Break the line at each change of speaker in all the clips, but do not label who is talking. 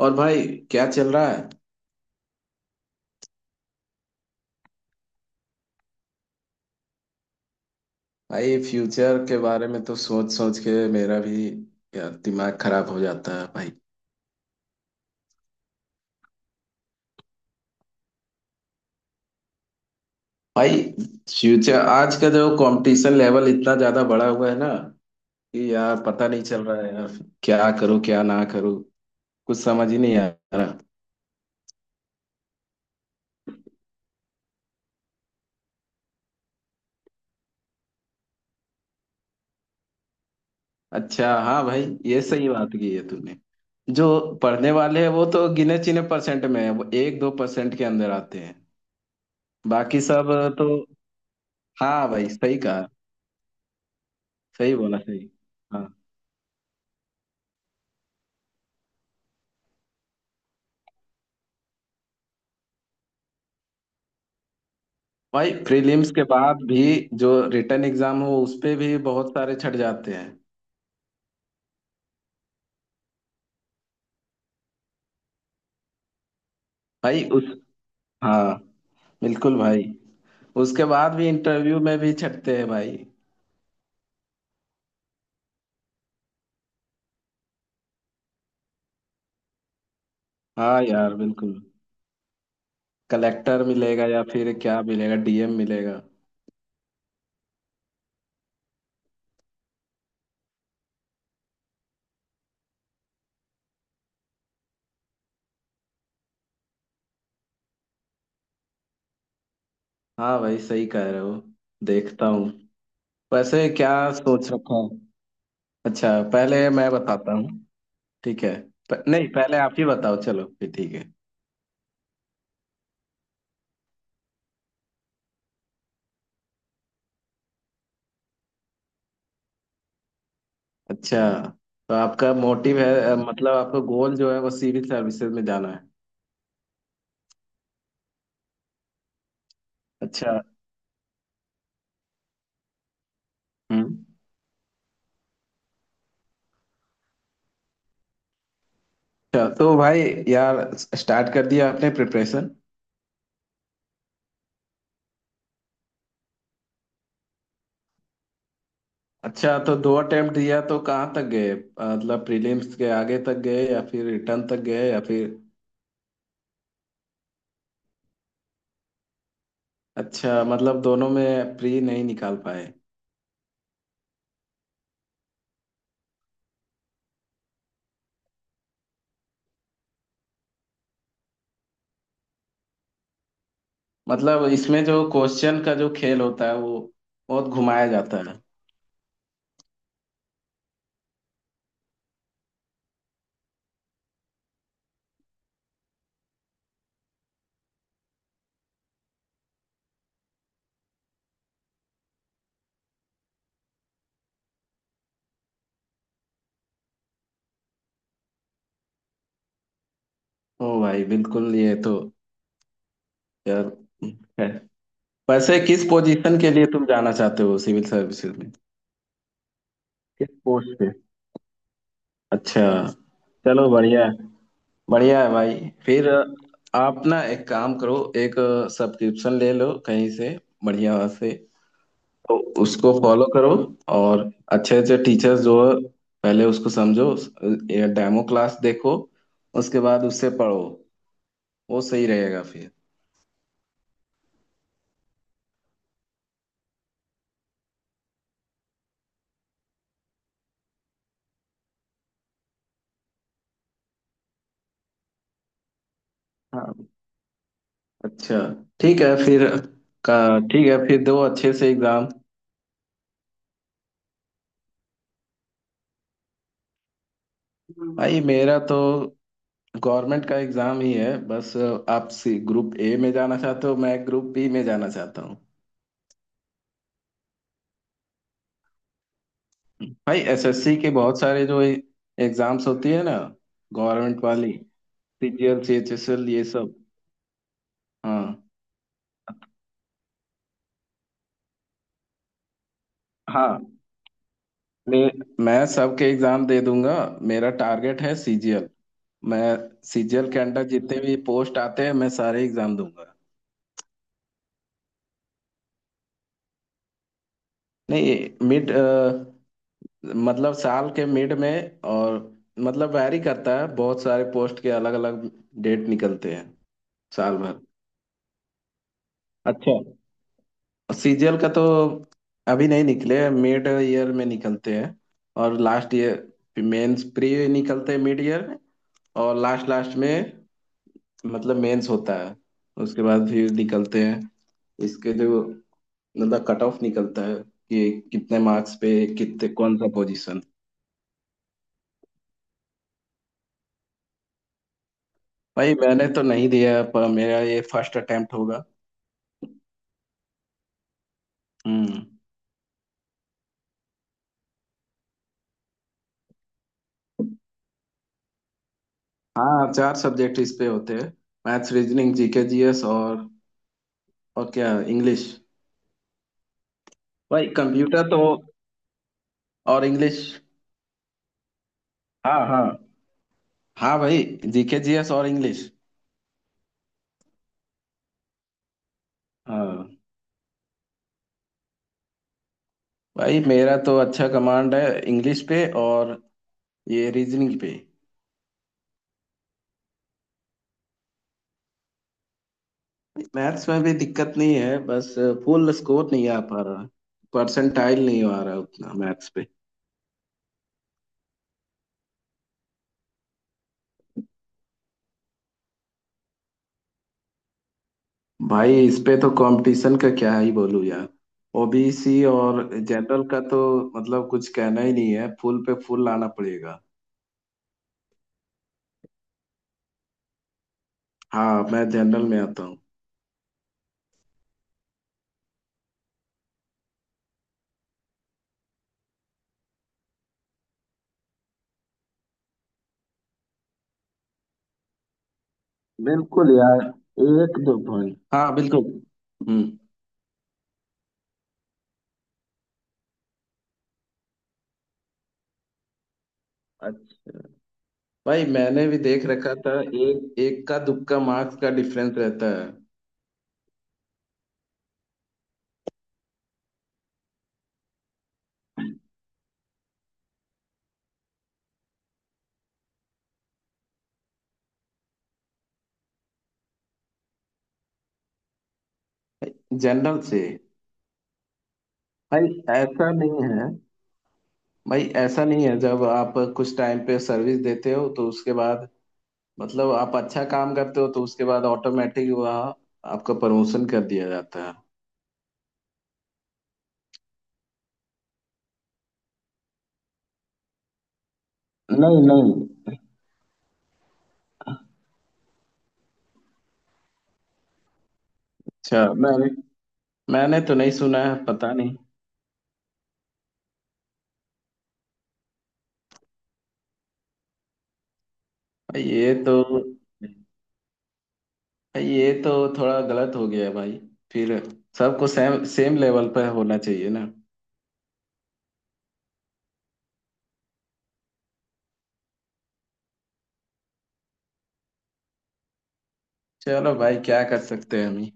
और भाई, क्या चल रहा है। भाई फ्यूचर के बारे में तो सोच सोच के मेरा भी यार दिमाग खराब हो जाता है भाई। भाई फ्यूचर, आज का जो कंपटीशन लेवल इतना ज्यादा बढ़ा हुआ है ना, कि यार पता नहीं चल रहा है यार। क्या करूं क्या ना करूं। कुछ समझ ही नहीं आ रहा। अच्छा हाँ भाई, ये सही बात की है तूने। जो पढ़ने वाले हैं वो तो गिने चुने परसेंट में है, वो 1-2% के अंदर आते हैं। बाकी सब तो, हाँ भाई सही कहा, सही बोला सही। हाँ भाई, प्रीलिम्स के बाद भी जो रिटर्न एग्जाम हो उस पे भी बहुत सारे छट जाते हैं। भाई उस, हाँ, बिल्कुल भाई, उसके बाद भी इंटरव्यू में भी छटते हैं भाई। हाँ यार बिल्कुल। कलेक्टर मिलेगा या फिर क्या मिलेगा, डीएम मिलेगा। हाँ भाई सही कह रहे हो। देखता हूँ। वैसे क्या सोच रखा है। अच्छा, पहले मैं बताता हूँ। ठीक है। नहीं, पहले आप ही बताओ चलो, फिर ठीक है। अच्छा, तो आपका मोटिव है, मतलब आपका गोल जो है वो सिविल सर्विसेज में जाना है। अच्छा। हम्म। अच्छा तो भाई यार, स्टार्ट कर दिया आपने प्रिपरेशन। अच्छा, तो दो अटेम्प्ट दिया, तो कहाँ तक गए, मतलब प्रीलिम्स के आगे तक गए या फिर रिटर्न तक गए या फिर। अच्छा, मतलब दोनों में प्री नहीं निकाल पाए। मतलब इसमें जो क्वेश्चन का जो खेल होता है, वो बहुत घुमाया जाता है। ओ भाई बिल्कुल, ये तो यार है। वैसे किस पोजीशन के लिए तुम जाना चाहते हो सिविल सर्विसेज में। किस पोस्ट पे। अच्छा, चलो बढ़िया। बढ़िया है भाई। फिर आप ना एक काम करो, एक सब्सक्रिप्शन ले लो कहीं से, बढ़िया से। तो उसको फॉलो करो, और अच्छे अच्छे टीचर्स जो है पहले उसको समझो। ये डेमो क्लास देखो, उसके बाद उससे पढ़ो। वो सही रहेगा फिर। हाँ। अच्छा। ठीक है फिर। का, ठीक है फिर, दो अच्छे से एग्जाम। भाई मेरा तो गवर्नमेंट का एग्जाम ही है बस। आप ग्रुप ए में जाना चाहते हो, मैं ग्रुप बी में जाना चाहता हूँ। भाई एसएससी के बहुत सारे जो एग्जाम्स होती है ना, गवर्नमेंट वाली, सीजीएल सीएचएसएल ये सब। हाँ, हाँ। मैं मैं सबके एग्जाम दे दूंगा। मेरा टारगेट है सीजीएल। मैं सीजीएल के अंडर जितने भी पोस्ट आते हैं, मैं सारे एग्जाम दूंगा। नहीं। मिड, मतलब साल के मिड में, और मतलब वैरी करता है, बहुत सारे पोस्ट के अलग अलग डेट निकलते हैं साल भर। अच्छा। सीजीएल का तो अभी नहीं निकले, मिड ईयर में निकलते हैं। और लास्ट ईयर मेंस प्री निकलते हैं मिड ईयर में। और लास्ट लास्ट में मतलब मेंस होता है। उसके बाद फिर निकलते हैं इसके, जो मतलब कट ऑफ निकलता है, कि कितने मार्क्स पे कितने कौन सा पोजीशन। भाई मैंने तो नहीं दिया, पर मेरा ये फर्स्ट अटेम्प्ट होगा। हम्म। हाँ, चार सब्जेक्ट इस पे होते हैं, मैथ्स रीजनिंग जीके जीएस और क्या, इंग्लिश। भाई कंप्यूटर तो, और इंग्लिश। हाँ हाँ। हाँ भाई, जीके जीएस और इंग्लिश। हाँ भाई मेरा तो अच्छा कमांड है इंग्लिश पे, और ये रीजनिंग पे। मैथ्स में भी दिक्कत नहीं है, बस फुल स्कोर नहीं आ पा रहा। परसेंटाइल नहीं आ रहा उतना मैथ्स पे। भाई इस पे तो कंपटीशन का क्या ही बोलूं यार, ओबीसी और जनरल का तो मतलब कुछ कहना ही नहीं है, फुल पे फुल लाना पड़ेगा। हाँ मैं जनरल में आता हूँ। बिल्कुल यार, एक दो पॉइंट, हाँ बिल्कुल। हम्म। अच्छा, भाई मैंने भी देख रखा था, एक एक का दुक्का मार्क्स का डिफरेंस रहता है जनरल से। भाई ऐसा नहीं है। भाई ऐसा नहीं है, जब आप कुछ टाइम पे सर्विस देते हो तो उसके बाद, मतलब आप अच्छा काम करते हो तो उसके बाद ऑटोमेटिक वहाँ आपका प्रमोशन कर दिया जाता है। नहीं, नहीं। अच्छा, मैंने मैंने तो नहीं सुना है, पता नहीं। भाई ये तो थोड़ा गलत हो गया है भाई, फिर सबको सेम सेम लेवल पर होना चाहिए ना। चलो भाई, क्या कर सकते हैं हम ही।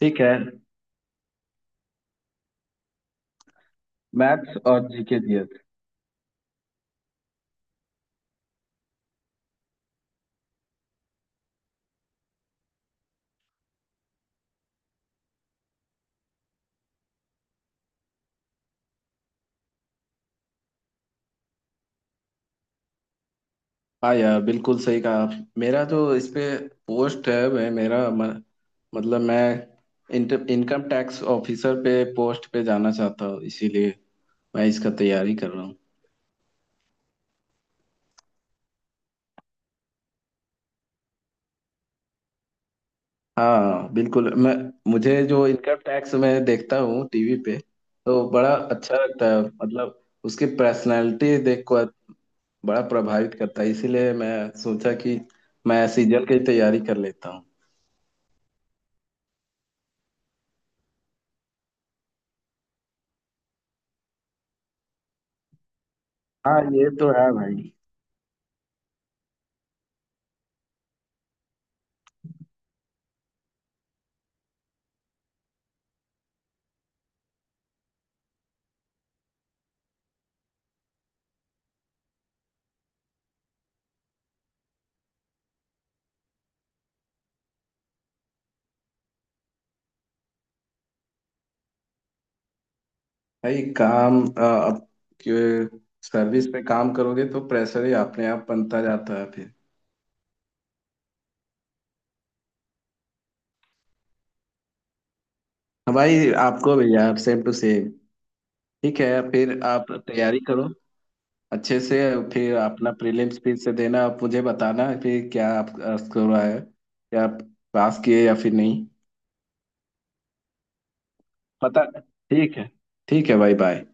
ठीक है। मैथ्स और जीके दिया था। हाँ यार, बिल्कुल सही कहा आप। मेरा जो इस पे पोस्ट है वह मेरा, मतलब मैं इनकम टैक्स ऑफिसर पे, पोस्ट पे जाना चाहता हूँ इसीलिए मैं इसका तैयारी कर रहा हूँ। हाँ बिल्कुल। मैं मुझे जो इनकम टैक्स मैं देखता हूँ टीवी पे, तो बड़ा अच्छा लगता है मतलब उसकी पर्सनालिटी देखकर। बड़ा प्रभावित करता है, इसीलिए मैं सोचा कि मैं सीजन की तैयारी कर लेता हूँ। हाँ ये तो है भाई। भाई काम, अब के सर्विस पे काम करोगे तो प्रेशर ही अपने आप बनता जाता है फिर। हाँ भाई आपको भी यार, सेम टू सेम। ठीक है फिर, आप तैयारी करो अच्छे से। फिर अपना प्रीलिम्स फिर से देना, आप मुझे बताना फिर क्या आपका स्कोर आया, क्या आप पास किए या फिर नहीं पता। ठीक है। ठीक है भाई, बाय।